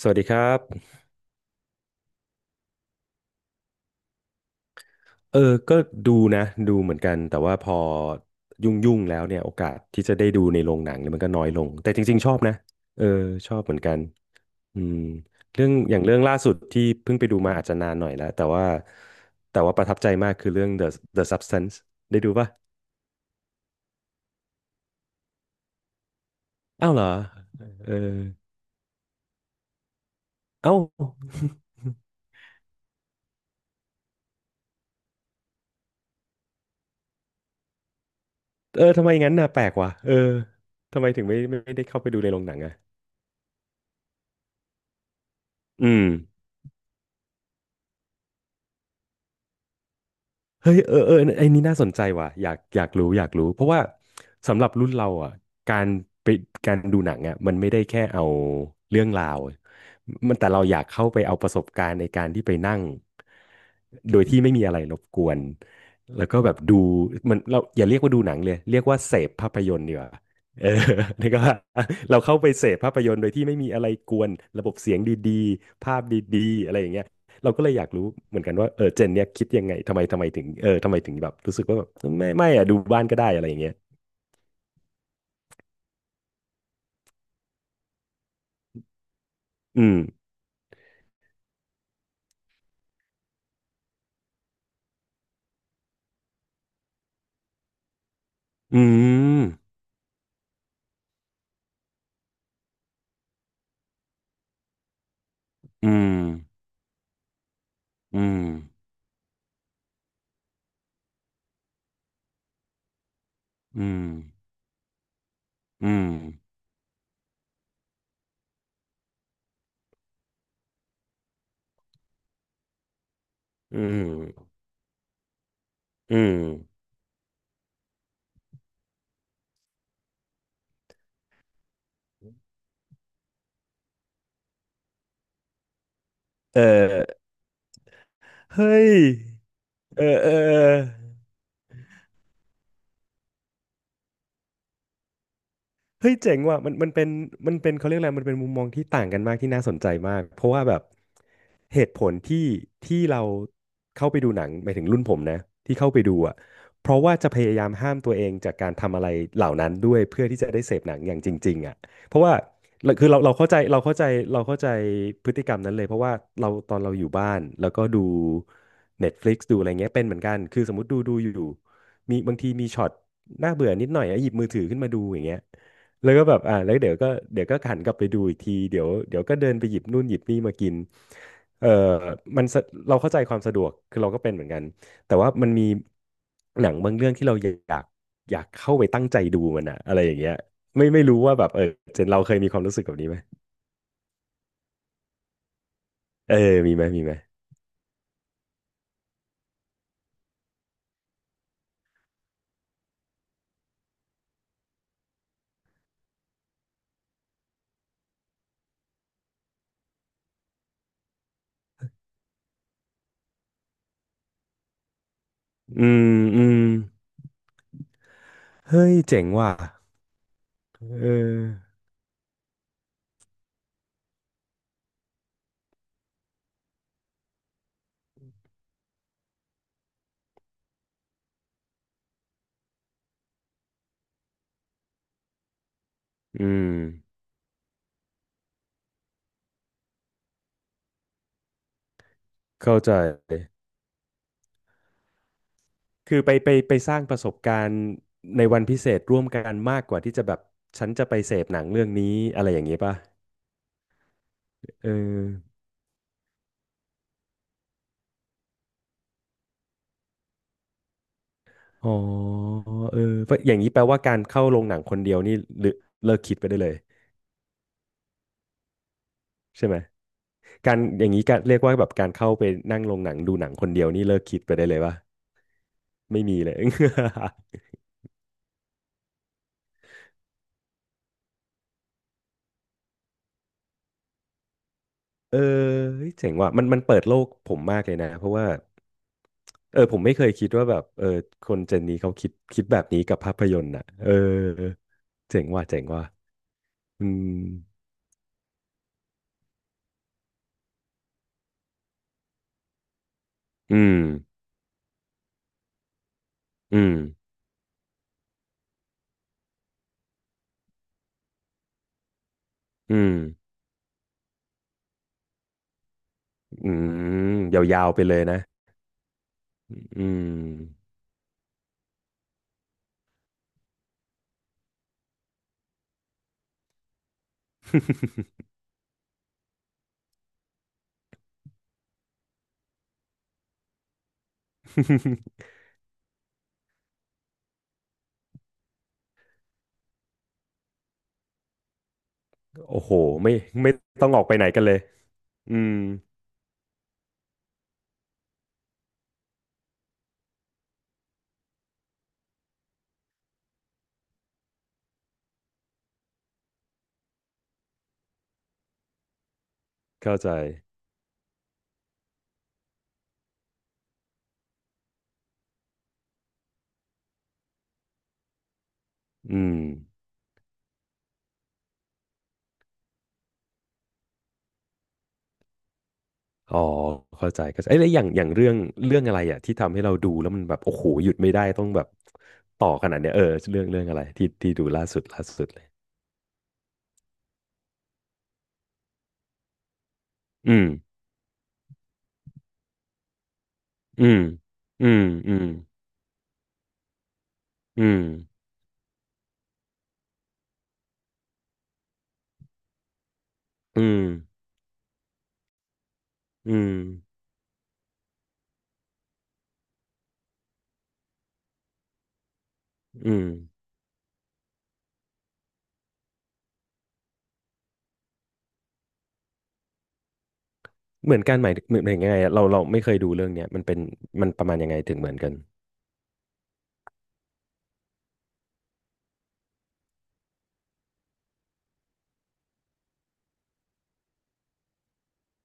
สวัสดีครับเออก็ดูนะเหมือนกันแต่ว่าพอยุ่งๆแล้วเนี่ยโอกาสที่จะได้ดูในโรงหนังเนี่ยมันก็น้อยลงแต่จริงๆชอบนะเออชอบเหมือนกันอืมเรื่องอย่างเรื่องล่าสุดที่เพิ่งไปดูมาอาจจะนานหน่อยแล้วแต่ว่าประทับใจมากคือเรื่อง The Substance ได้ดูป่ะอ้าวเหรอเออเอ้า เออทำไมงั้นน่ะแปลกว่ะเออทำไมถึงไม่ได้เข้าไปดูในโรงหนังอ่ะอืม เฮ้ยเออไอ้นี่น่าสนใจว่ะอยากรู้อยากรู้เพราะว่าสำหรับรุ่นเราอ่ะการไปการดูหนังอ่ะมันไม่ได้แค่เอาเรื่องราวมันแต่เราอยากเข้าไปเอาประสบการณ์ในการที่ไปนั่งโดยที่ไม่มีอะไรรบกวนแล้วก็แบบดูมันเราอย่าเรียกว่าดูหนังเลยเรียกว่าเสพภาพยนตร์ดีกว่าเออ นี่ก็ว่าเราเข้าไปเสพภาพยนตร์โดยที่ไม่มีอะไรกวนระบบเสียงดีๆภาพดีๆอะไรอย่างเงี้ย เราก็เลยอยากรู้เหมือนกันว่าเออเจนเนี่ยคิดยังไงทำไมถึงทำไมถึงแบบรู้สึกว่าแบบไม่อะดูบ้านก็ได้อะไรอย่างเงี้ยอืมอืมอืมอืมอืมอืมอืมอืมเออเฮ้ยเออ เฮ้ยเจ๋งว่ะมันเป็นเขาเรียกอะไรมันเป็นมุมมองที่ต่างกันมากที่น่าสนใจมากเพราะว่าแบบเหตุผลที่เราเข้าไปดูหนังหมายถึงรุ่นผมนะที่เข้าไปดูอ่ะเพราะว่าจะพยายามห้ามตัวเองจากการทำอะไรเหล่านั้นด้วยเพื่อที่จะได้เสพหนังอย่างจริงๆอ่ะเพราะว่าคือเราเข้าใจเราเข้าใจพฤติกรรมนั้นเลยเพราะว่าเราตอนเราอยู่บ้านแล้วก็ดู Netflix ดูอะไรเงี้ยเป็นเหมือนกันคือสมมติดูอยู่มีบางทีมีช็อตน่าเบื่อนิดหน่อยอะหยิบมือถือขึ้นมาดูอย่างเงี้ย แล้วก็แบบแล้วเดี๋ยวก็หันกลับไปดูอีกทีเดี๋ยวก็เดินไปหยิบนู่นหยิบนี่มากินเออมันสะเราเข้าใจความสะดวกคือเราก็เป็นเหมือนกันแต่ว่ามันมีหนังบางเรื่องที่เราอยากเข้าไปตั้งใจดูมันอะอะไรอย่างเงี้ยไม่รู้ว่าแบบเออเจนเราเคยมีความรู้สึกแบบนี้ไหมเออมีไหมอืมอืมเฮ้ยเจ๋งว่ะเอออืมเข้าใจ คือไปสร้างประสบการณ์ในวันพิเศษร่วมกันมากกว่าที่จะแบบฉันจะไปเสพหนังเรื่องนี้อะไรอย่างนี้ป่ะเอออ๋อเออเพราะอย่างนี้แปลว่าการเข้าโรงหนังคนเดียวนี่หรือเลิกคิดไปได้เลยใช่ไหมการอย่างนี้ก็เรียกว่าแบบการเข้าไปนั่งโรงหนังดูหนังคนเดียวนี่เลิกคิดไปได้เลยป่ะไม่มีเลย เออเฮ้ยเจ๋งว่ะมันเปิดโลกผมมากเลยนะเพราะว่าเออผมไม่เคยคิดว่าแบบเออคนเจนนี้เขาคิดแบบนี้กับภาพยนตร์อ่ะเออเจ๋งว่ะเจ๋งว่ะอืมอืมอืมอืมอืมยาวๆไปเลยนะอืม โอ้โหไม่ไม่ต้องออกไปไหนกันเลยอืมเข้าใจอืม อ๋อเข้าใจเข้าใจเอ้ยแล้วอย่างเรื่องอะไรอ่ะที่ทำให้เราดูแล้วมันแบบโอ้โหหยุดไม่ได้ต้องแบบต่อขนาดเนี้ยเออเรื่องอะไรที่ดูล่าสุดเลยอืมอืมอืมอืมอืมอืมอืมอืมเหมือนกันหมายเหมือนยังไงอะเราไม่เคยดูเรื่องเนี้ยมันเป็นมันประมาณยังไงถึงเหมือนกัน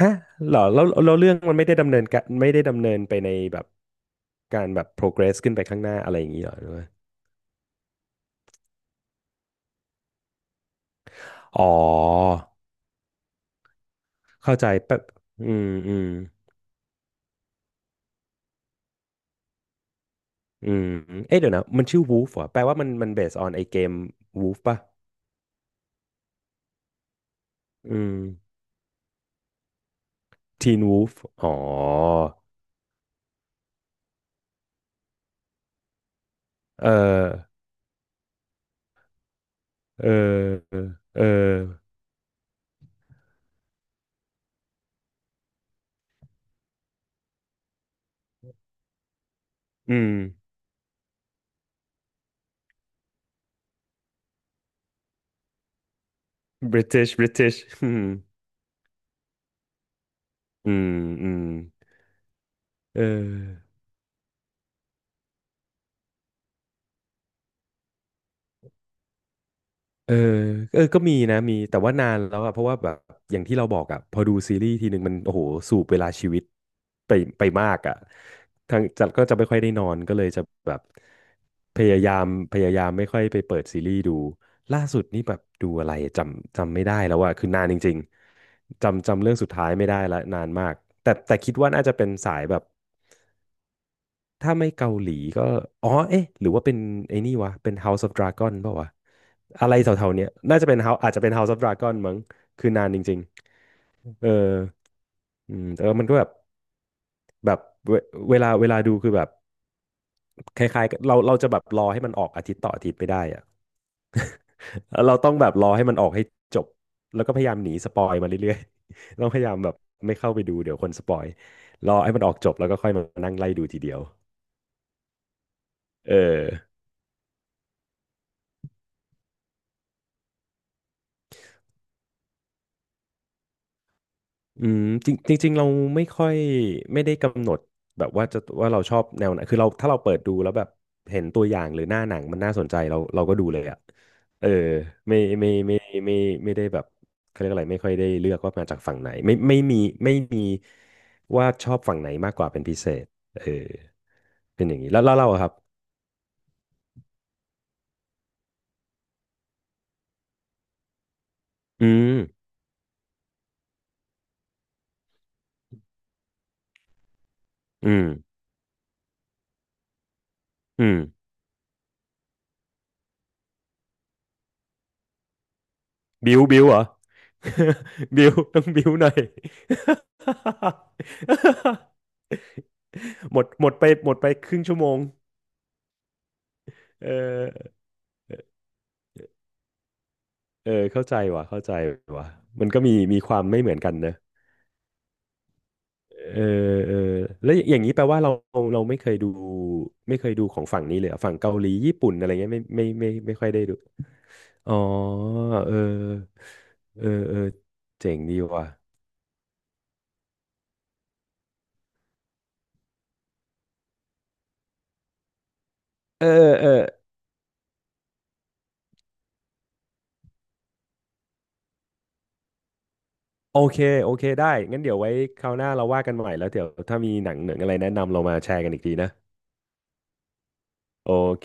ฮะเหรอแล้วเรื่องมันไม่ได้ดำเนินการไม่ได้ดำเนินไปในแบบการแบบ progress ขึ้นไปข้างหน้าอะไรอย่างนี้เหรอหรือว่าอ๋อ เข้าใจแป๊บอืมอืมอืมเอ๊ะเดี๋ยวนะ มันชื่อ Wolf เหรอแปลว่ามัน based on ไอเกม Wolf ป่ะอืม Teen Wolf อ๋อ เออเออเอออืม British British อืมอืมอืมเออ เอออก็มีนะมีแต่ว่านานแล้วอะเพราะว่าแบบอย่างที่เราบอกอะพอดูซีรีส์ทีหนึ่งมันโอ้โหสูบเวลาชีวิตไปไปมากอะทางจัดก็จะไม่ค่อยได้นอนก็เลยจะแบบพยายามพยายามไม่ค่อยไปเปิดซีรีส์ดูล่าสุดนี่แบบดูอะไรจำไม่ได้แล้วอะคือนานจริงๆจำเรื่องสุดท้ายไม่ได้ละนานมากแต่คิดว่าน่าจะเป็นสายแบบ ถ้าไม่เกาหลีก็อ๋อเอ๊ะหรือว่าเป็นไอ้นี่วะเป็น House of Dragon เปล่าวะอะไรแถวๆเนี้ยน่าจะเป็น House อาจจะเป็น House of Dragon มั้งคือนานจริงๆเอออืมเออมันก็แบบแบบเวเวลาเวลาดูคือแบบคล้ายๆกับเราจะแบบรอให้มันออกอาทิตย์ต่ออาทิตย์ไม่ได้อะ เราต้องแบบรอให้มันออกให้จบแล้วก็พยายามหนีสปอยมาเรื่อยๆ ต้องพยายามแบบไม่เข้าไปดูเดี๋ยวคนสปอยรอให้มันออกจบแล้วก็ค่อยมานั่งไล่ดูทีเดียวเออ อืมจริงจริงๆเราไม่ค่อยไม่ได้กำหนดแบบว่าจะว่าเราชอบแนวไหนคือเราถ้าเราเปิดดูแล้วแบบเห็นตัวอย่างหรือหน้าหนังมันน่าสนใจเราก็ดูเลยอ่ะเออไม่ไม่ไม่ไม่ไม่ไม่ได้แบบเขาเรียกอะไรไม่ค่อยได้เลือกว่ามาจากฝั่งไหนไม่มีไม่มีว่าชอบฝั่งไหนมากกว่าเป็นพิเศษเออเป็นอย่างนี้แล้วแล้วเราอะครับอืมอืมอืมบิวเหรอ บิวต้องบิวหน่อย หมดหมดไปครึ่งชั่วโมง เออเออเข้าใจว่ะเข้าใจว่ะมันก็มีความไม่เหมือนกันเนอะเออเออแล้วอย่างนี้แปลว่าเราเราไม่เคยดูไม่เคยดูของฝั่งนี้เลยเหรอฝั่งเกาหลีญี่ปุ่นอะไรเงี้ยไม่ค่อยได้ดูอ๋อเออเออเออเจ๋งดีว่ะเออเออโอเคโอเคได้งั้นเดี๋ยวไว้คราวหน้าเราว่ากันใหม่แล้วเดี๋ยวถ้ามีหนังอะไรแนะนำเรามาแชร์กันอีกทีนะโอเค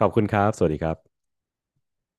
ขอบคุณครับสวัสดีครับ